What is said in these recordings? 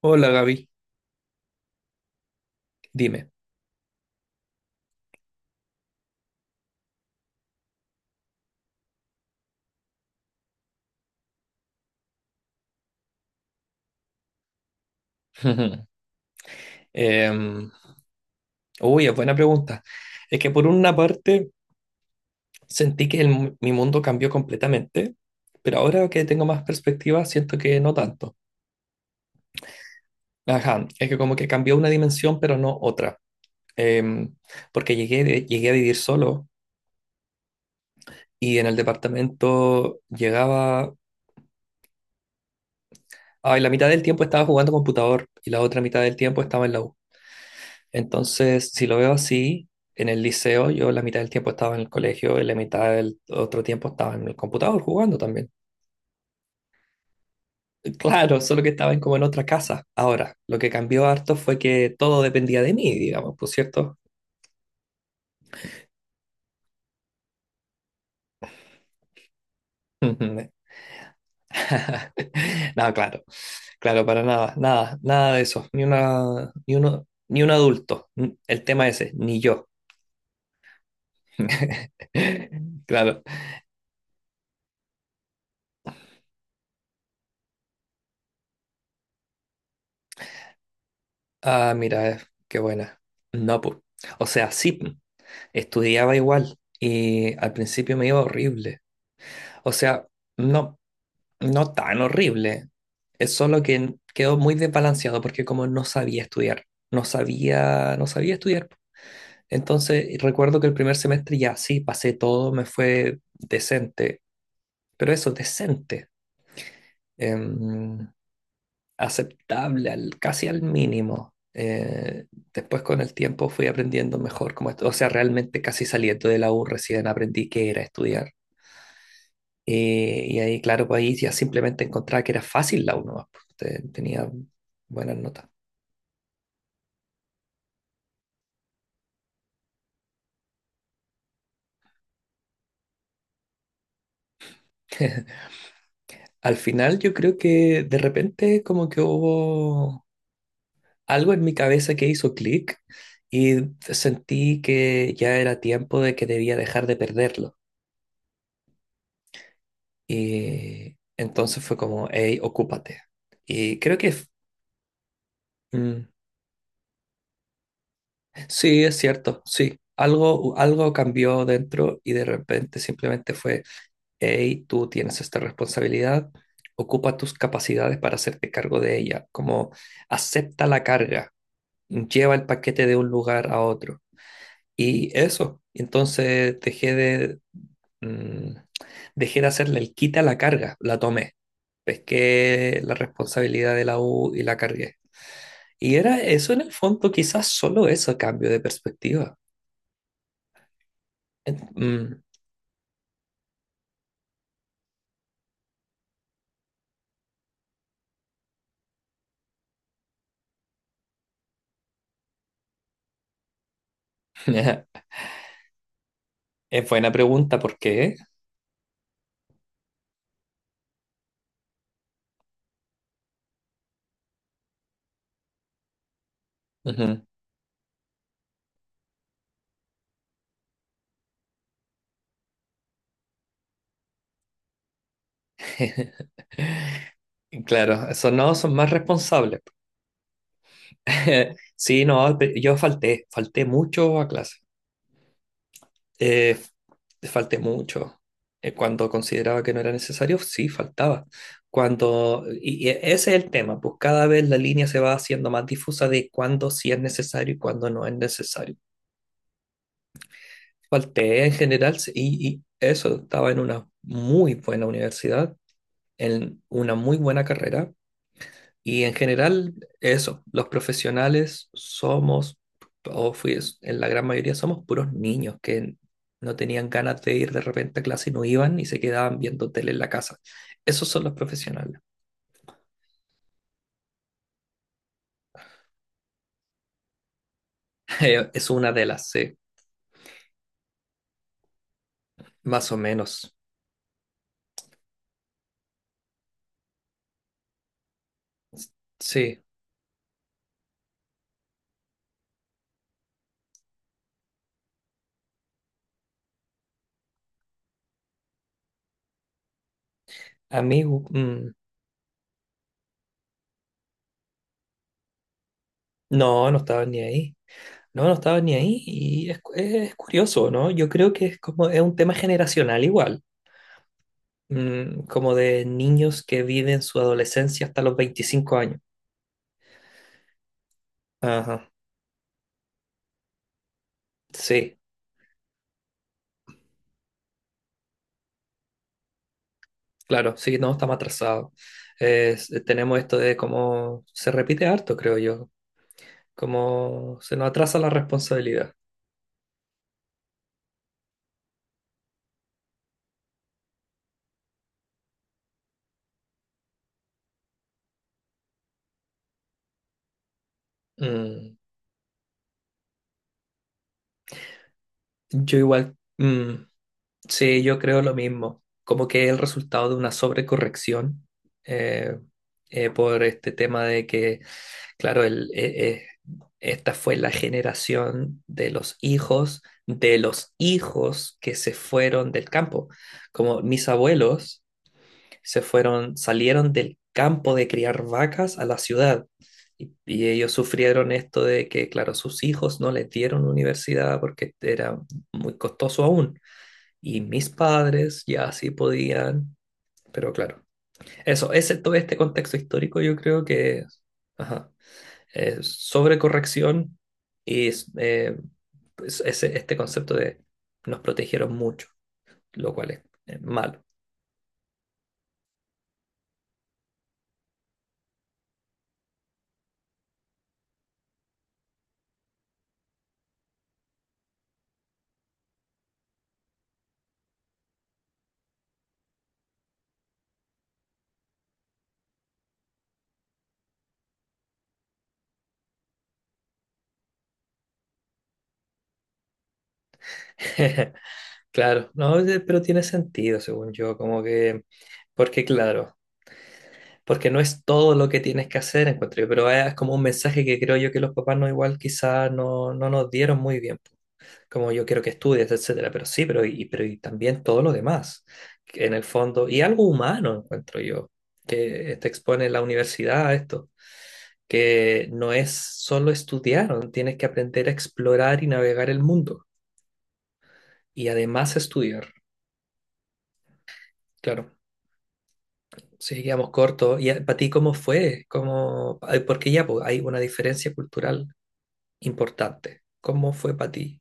Hola Gaby, dime. Em, uy, es buena pregunta. Es que por una parte sentí que mi mundo cambió completamente, pero ahora que tengo más perspectiva siento que no tanto. Ajá, es que como que cambió una dimensión, pero no otra. Em, porque llegué a vivir solo y en el departamento llegaba... Ay, la mitad del tiempo estaba jugando computador y la otra mitad del tiempo estaba en la U. Entonces, si lo veo así, en el liceo yo la mitad del tiempo estaba en el colegio y la mitad del otro tiempo estaba en el computador jugando también. Claro, solo que como en otra casa. Ahora, lo que cambió harto fue que todo dependía de mí, digamos, ¿por cierto? No, claro, claro, para nada, nada, nada de eso, ni una, ni uno, ni un adulto, N- el tema ese, ni yo. Claro. Ah, mira, qué buena. No, pues. O sea, sí. po, Estudiaba igual y al principio me iba horrible. O sea, no, no tan horrible. Es solo que quedó muy desbalanceado porque como no sabía estudiar, no sabía, no sabía estudiar. Entonces recuerdo que el primer semestre ya sí, pasé todo, me fue decente, pero eso, decente, em, aceptable, al- casi al mínimo. Después con el tiempo fui aprendiendo mejor, como, o sea, realmente casi saliendo de la U recién aprendí qué era estudiar. Y ahí, claro, pues ahí ya simplemente encontraba que era fácil la uno más, pues, te- tenía buenas notas. Al final yo creo que de repente como que hubo algo en mi cabeza que hizo clic y sentí que ya era tiempo de que debía dejar de perderlo. Y entonces fue como, hey, ocúpate. Y creo que mm, sí, es cierto, sí. Algo, algo cambió dentro y de repente simplemente fue hey, tú tienes esta responsabilidad, ocupa tus capacidades para hacerte cargo de ella, como acepta la carga, lleva el paquete de un lugar a otro. Y eso, entonces mm, dejé de hacerle el quita a la carga, la tomé, pesqué la responsabilidad de la U y la cargué. Y era eso en el fondo, quizás solo eso, cambio de perspectiva. En- mm, Es buena pregunta, ¿por qué? Ujú. Claro, esos no son más responsables. Sí, no, pe- yo falté, falté mucho a clase. Eh, falté mucho. Cuando consideraba que no era necesario, sí, faltaba. Cuando, y ese es el tema, pues cada vez la línea se va haciendo más difusa de cuándo sí es necesario y cuándo no es necesario. Falté en general sí, y eso, estaba en una muy buena universidad, en una muy buena carrera. Y en general, eso, los profesionales somos, o fui, en la gran mayoría somos puros niños que no tenían ganas de ir de repente a clase y no iban y se quedaban viendo tele en la casa. Esos son los profesionales. Es una de las, sí, más o menos. Sí, a mí, no, no estaba ni ahí. No, no estaba ni ahí y es curioso, ¿no? Yo creo que es como, es un tema generacional igual, como de niños que viven su adolescencia hasta los 25 años. Ajá, sí, claro, sí, no, estamos atrasados. Tenemos esto de cómo se repite harto, creo yo, cómo se nos atrasa la responsabilidad. Mm, yo igual, sí, yo creo lo mismo, como que es el resultado de una sobrecorrección eh, por este tema de que, claro, esta fue la generación de los hijos que se fueron del campo, como mis abuelos. Se fueron, salieron del campo de criar vacas a la ciudad. Y ellos sufrieron esto de que, claro, sus hijos no les dieron universidad porque era muy costoso aún. Y mis padres ya sí podían, pero claro, eso, ese, todo este contexto histórico yo creo que ajá, sobre corrección y eh, pues, ese, este concepto de nos protegieron mucho, lo cual es malo. Claro, no, pero tiene sentido, según yo, como que, porque claro, porque no es todo lo que tienes que hacer, encuentro yo, pero es como un mensaje que creo yo que los papás no igual quizás no, no nos dieron muy bien, como yo quiero que estudies, etcétera, pero sí, pero y también todo lo demás, que en el fondo, y algo humano, encuentro yo, que te expone la universidad a esto, que no es solo estudiar, tienes que aprender a explorar y navegar el mundo, y además estudiar. Claro. Sí, quedamos cortos. ¿Y ah, para ti cómo fue? ¿Cómo... ay, porque ya pues, hay una diferencia cultural importante. ¿Cómo fue para ti?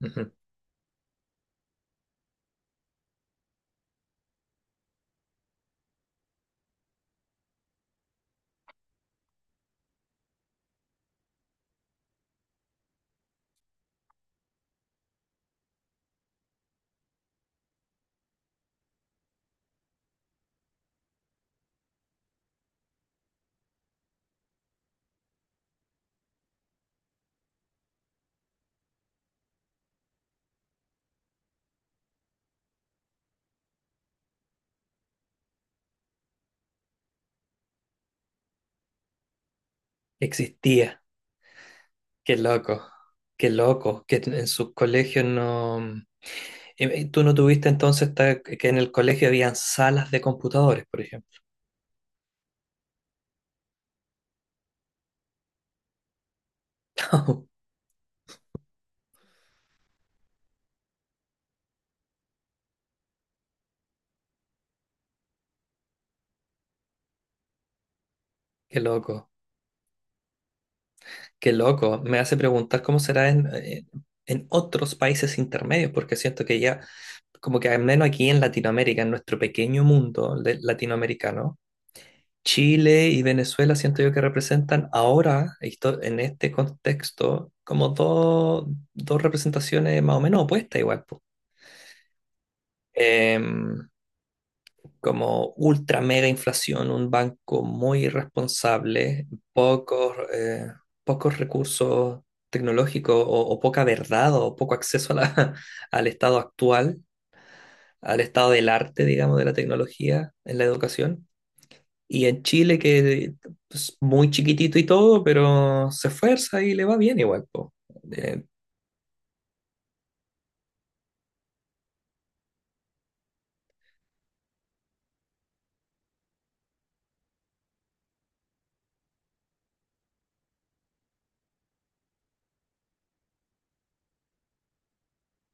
Ujú. Existía. Qué loco. Qué loco. Que en sus colegios no... ¿Tú no tuviste entonces ta- que en el colegio habían salas de computadores, por ejemplo? Qué loco. Qué loco. Me hace preguntar cómo será en otros países intermedios, porque siento que ya, como que al menos aquí en Latinoamérica, en nuestro pequeño latinoamericano, Chile y Venezuela siento yo que representan ahora, esto- en este contexto, como dos, dos representaciones más o menos opuestas igual. Po. Em, como ultra mega inflación, un banco muy irresponsable, pocos, pocos recursos tecnológicos o poca verdad o poco acceso a la- al estado actual, al estado del arte, digamos, de la tecnología en la educación. Y en Chile, que es muy chiquitito y todo, pero se esfuerza y le va bien igual, po. Eh,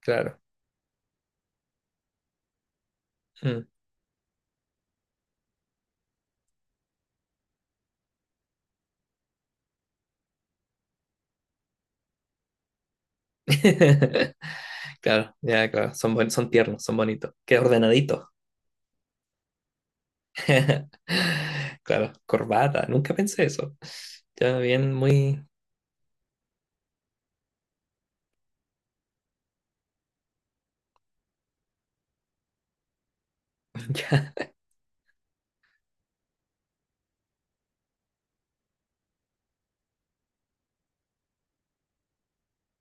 claro. Mm. Claro, ya, claro. Son, buen- son tiernos, son bonitos. Qué ordenaditos. Claro, corbata. Nunca pensé eso. Ya, bien, muy... ya.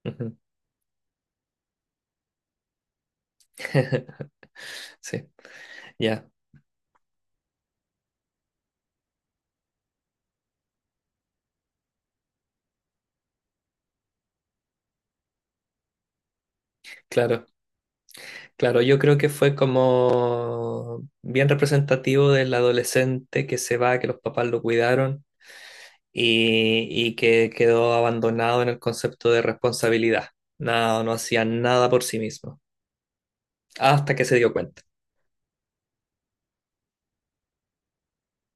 Ujú. Sí, ya, claro. Claro, yo creo que fue como bien representativo del adolescente que se va, que los papás lo cuidaron y que quedó abandonado en el concepto de responsabilidad. No, no hacía nada por sí mismo, hasta que se dio cuenta,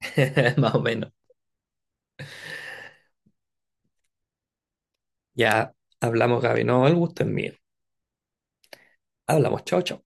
más o menos. Ya hablamos, Gaby, no, el gusto es mío. Hablamos, chao, chao.